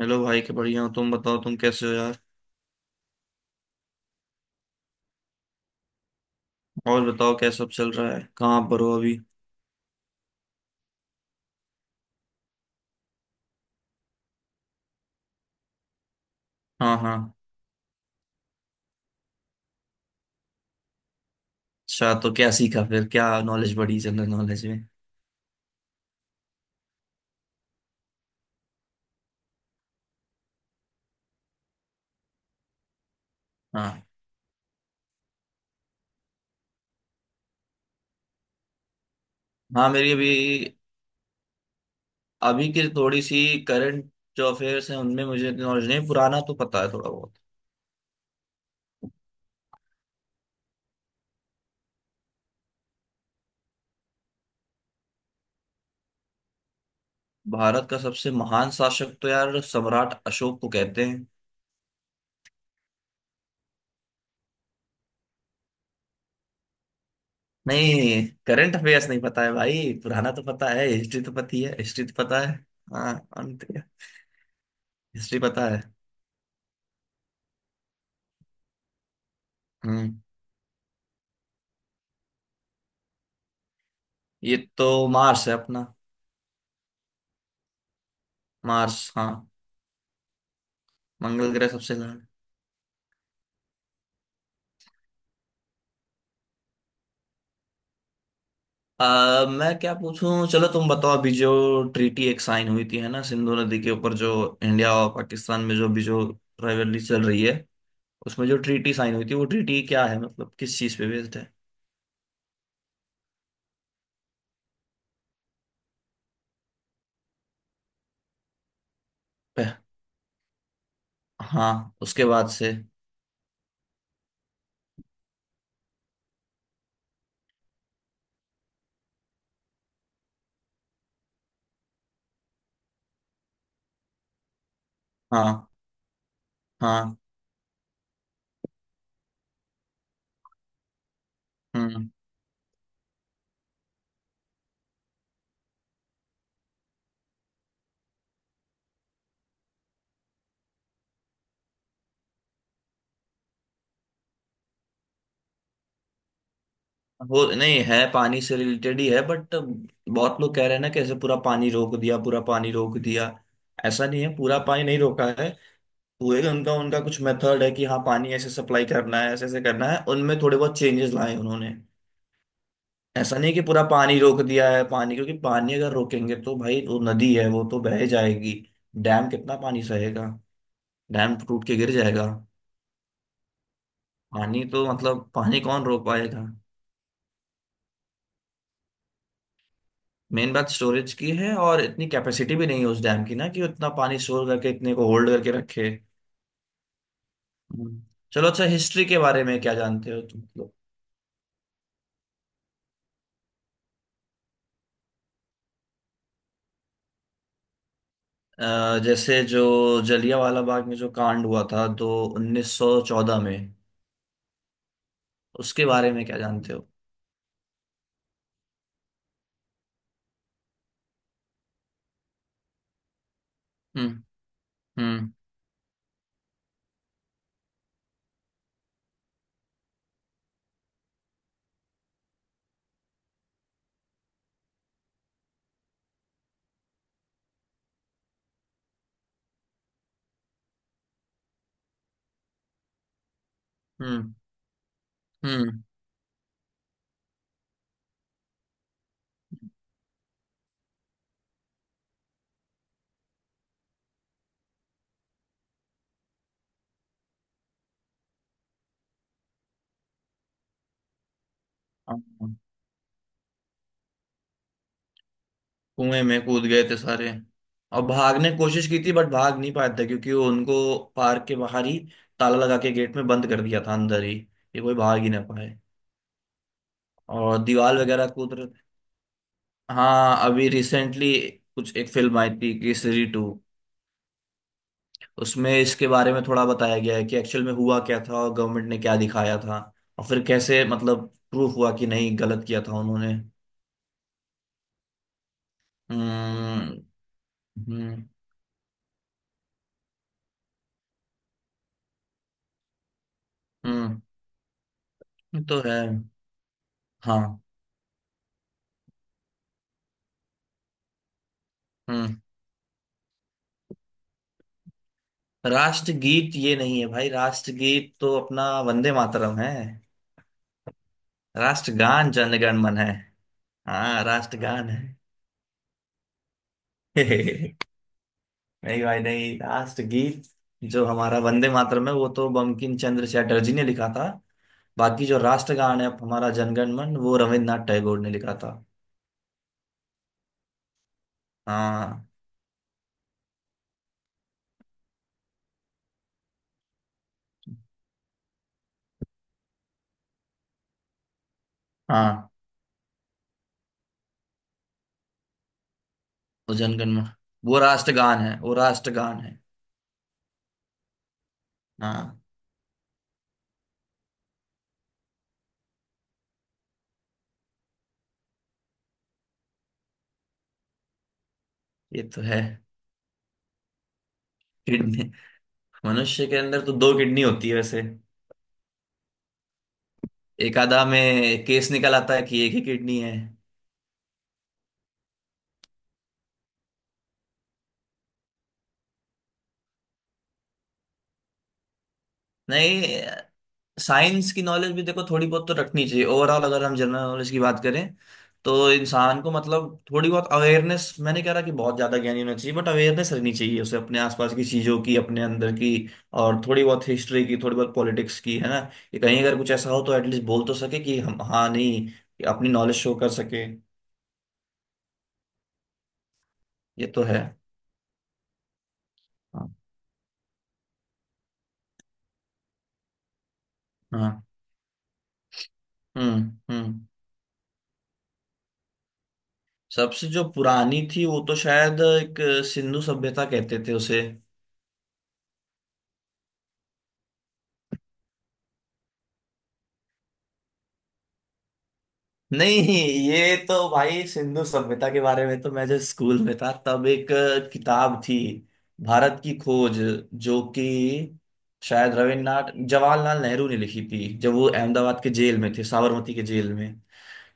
Hello भाई के बढ़िया हो तुम बताओ तुम कैसे हो यार। और बताओ क्या सब चल रहा है, कहाँ पर हो अभी। हाँ हाँ। अच्छा, तो क्या सीखा फिर, क्या नॉलेज बढ़ी जनरल नॉलेज में। हाँ। हाँ, मेरी अभी अभी की थोड़ी सी करंट जो अफेयर्स हैं उनमें मुझे नॉलेज नहीं, पुराना तो पता है थोड़ा बहुत। भारत का सबसे महान शासक तो यार सम्राट अशोक को कहते हैं। नहीं, करंट अफेयर्स नहीं पता है भाई, पुराना तो पता है, हिस्ट्री तो पता ही है, हिस्ट्री तो पता है। हाँ। हिस्ट्री पता है। हम्म। ये तो मार्स है अपना। मार्स, हाँ। मंगल ग्रह सबसे गर्म। मैं क्या पूछूं, चलो तुम बताओ अभी जो ट्रीटी एक साइन हुई थी है ना सिंधु नदी के ऊपर, जो इंडिया और पाकिस्तान में जो अभी जो राइवलरी चल रही है, उसमें जो ट्रीटी साइन हुई थी, वो ट्रीटी क्या है, मतलब किस चीज पे बेस्ड है। पह- हाँ, उसके बाद से। हाँ। हाँ। हम्म। वो नहीं है, पानी से रिलेटेड ही है बट बहुत लोग कह रहे हैं ना कैसे पूरा पानी रोक दिया, पूरा पानी रोक दिया। ऐसा नहीं है, पूरा पानी नहीं रोका है। हुए कि उनका उनका कुछ मेथड है कि हाँ पानी ऐसे सप्लाई करना है, ऐसे ऐसे करना है, उनमें थोड़े बहुत चेंजेस लाए उन्होंने। ऐसा नहीं कि पूरा पानी रोक दिया है, पानी, क्योंकि पानी अगर रोकेंगे तो भाई वो नदी है, वो तो बह जाएगी। डैम कितना पानी सहेगा। डैम टूट के गिर जाएगा। पानी तो मतलब पानी कौन रोक पाएगा। मेन बात स्टोरेज की है, और इतनी कैपेसिटी भी नहीं है उस डैम की ना कि उतना पानी स्टोर करके, इतने को होल्ड करके रखे। हम्म। चलो अच्छा, हिस्ट्री के बारे में क्या जानते हो तुम। जैसे जो जलियांवाला बाग में जो कांड हुआ था तो 1914 में, उसके बारे में क्या जानते हो। हम्म हम्म हम्म हम्म। हाँ। कुएं में कूद गए थे सारे। और भागने की कोशिश की थी बट भाग नहीं पाए थे, क्योंकि वो उनको पार्क के बाहर ही ताला लगा के गेट में बंद कर दिया था, अंदर ही। ये कोई भाग ही ना पाए। और दीवार वगैरह कूद रहे। हाँ, अभी रिसेंटली कुछ एक फिल्म आई थी, केसरी टू। उसमें इसके बारे में थोड़ा बताया गया है कि एक्चुअल में हुआ क्या था और गवर्नमेंट ने क्या दिखाया था। और फिर कैसे मतलब प्रूफ हुआ कि नहीं, गलत किया था उन्होंने। हम्म। हम्म। हम्म, ये तो है। हाँ। हम्म। राष्ट्रगीत ये नहीं है भाई, राष्ट्रगीत तो अपना वंदे मातरम है। राष्ट्रगान जनगण मन है। हाँ, राष्ट्रगान है। नहीं भाई, नहीं, लास्ट गीत जो हमारा वंदे मातरम है वो तो बंकिम चंद्र चटर्जी ने लिखा था। बाकी जो राष्ट्रगान है हमारा जनगण मन, वो रविन्द्रनाथ टैगोर ने लिखा था। हाँ। हाँ। वो जनगण मन। वो राष्ट्रगान है, वो राष्ट्रगान है। हाँ। ये तो है। किडनी। मनुष्य के अंदर तो दो किडनी होती है वैसे। एक आधा में केस निकल आता है कि एक ही किडनी है। नहीं, साइंस की नॉलेज भी देखो थोड़ी बहुत तो रखनी चाहिए, ओवरऑल अगर हम जनरल नॉलेज की बात करें। तो इंसान को मतलब थोड़ी बहुत अवेयरनेस, मैं नहीं कह रहा कि बहुत ज्यादा ज्ञानी होना चाहिए बट अवेयरनेस रहनी चाहिए उसे अपने आसपास की चीजों की, अपने अंदर की। और थोड़ी बहुत हिस्ट्री की, थोड़ी बहुत पॉलिटिक्स की, है ना। कि कहीं अगर कुछ ऐसा हो तो एटलीस्ट बोल तो सके कि हम, हाँ नहीं, कि अपनी नॉलेज शो कर सके। ये तो है। हाँ। हाँ। हम्म। हम्म। सबसे जो पुरानी थी वो तो शायद एक सिंधु सभ्यता कहते थे उसे। नहीं, ये तो भाई सिंधु सभ्यता के बारे में तो मैं जब स्कूल में था, तब एक किताब थी, भारत की खोज। जो कि शायद रविन्द्रनाथ, जवाहरलाल नेहरू ने लिखी थी, जब वो अहमदाबाद के जेल में थे, साबरमती के जेल में।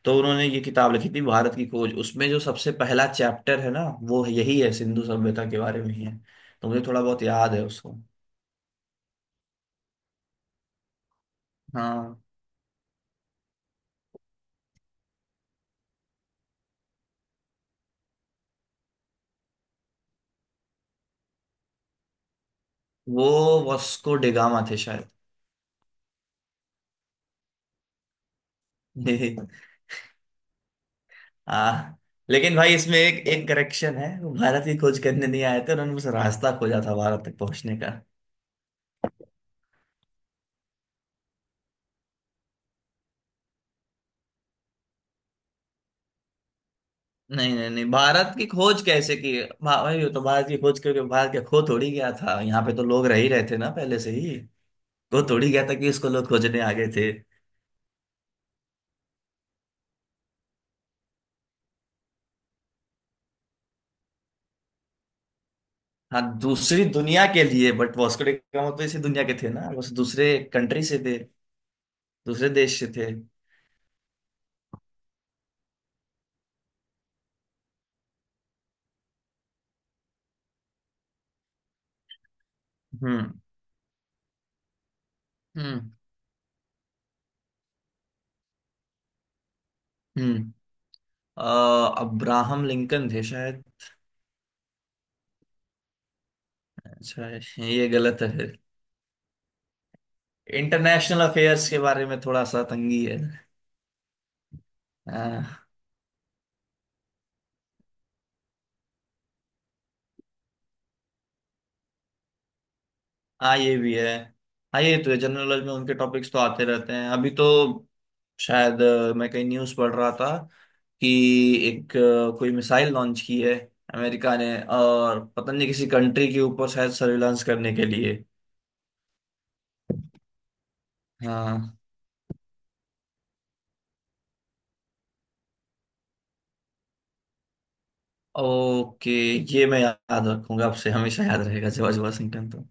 तो उन्होंने ये किताब लिखी थी, भारत की खोज, उसमें जो सबसे पहला चैप्टर है ना, वो यही है, सिंधु सभ्यता के बारे में ही है। तो मुझे थोड़ा बहुत याद है उसको। हाँ, वो वास्को डी गामा थे शायद। हाँ, लेकिन भाई इसमें एक एक करेक्शन है, वो भारत की खोज करने नहीं आए थे, उन्होंने बस रास्ता खोजा था भारत तक पहुंचने का। नहीं नहीं नहीं, भारत की खोज कैसे की, भाई वो तो भारत की खोज करके भारत के खो थोड़ी गया था, यहाँ पे तो लोग रह ही रहे थे ना पहले से ही। खो थोड़ी गया था कि इसको लोग खोजने आ गए थे। हाँ, दूसरी दुनिया के लिए बट वास्को डी गामा तो इसी दुनिया के थे ना, बस दूसरे कंट्री से थे। दूसरे देश से थे। हम्म हम्म हम्म। अब्राहम लिंकन थे शायद। अच्छा, ये गलत है। इंटरनेशनल अफेयर्स के बारे में थोड़ा सा तंगी है। हाँ। हाँ, ये भी है। हाँ ये तो है, जनरल नॉलेज में उनके टॉपिक्स तो आते रहते हैं अभी तो। शायद मैं कहीं न्यूज़ पढ़ रहा था कि एक कोई मिसाइल लॉन्च की है अमेरिका ने, और पता नहीं किसी कंट्री के ऊपर, शायद सर्विलांस करने के लिए। हाँ। ओके, ये मैं याद रखूंगा, आपसे हमेशा याद रहेगा, जॉर्ज वाशिंगटन तो।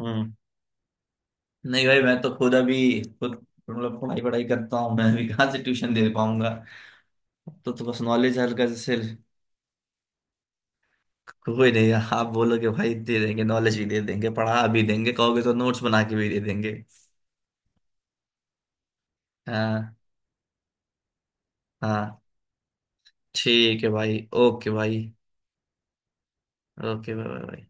हम्म। नहीं भाई, मैं तो खुद अभी, खुद मतलब पढ़ाई, पढ़ाई करता हूँ मैं, अभी कहाँ से ट्यूशन दे पाऊंगा। तो बस नॉलेज हर घर से। कोई नहीं है। आप बोलोगे भाई, दे देंगे, नॉलेज भी दे देंगे, पढ़ा भी देंगे, कहोगे तो नोट्स बना के भी दे देंगे। हाँ। हाँ, ठीक है भाई, ओके भाई। ओके भाई भाई।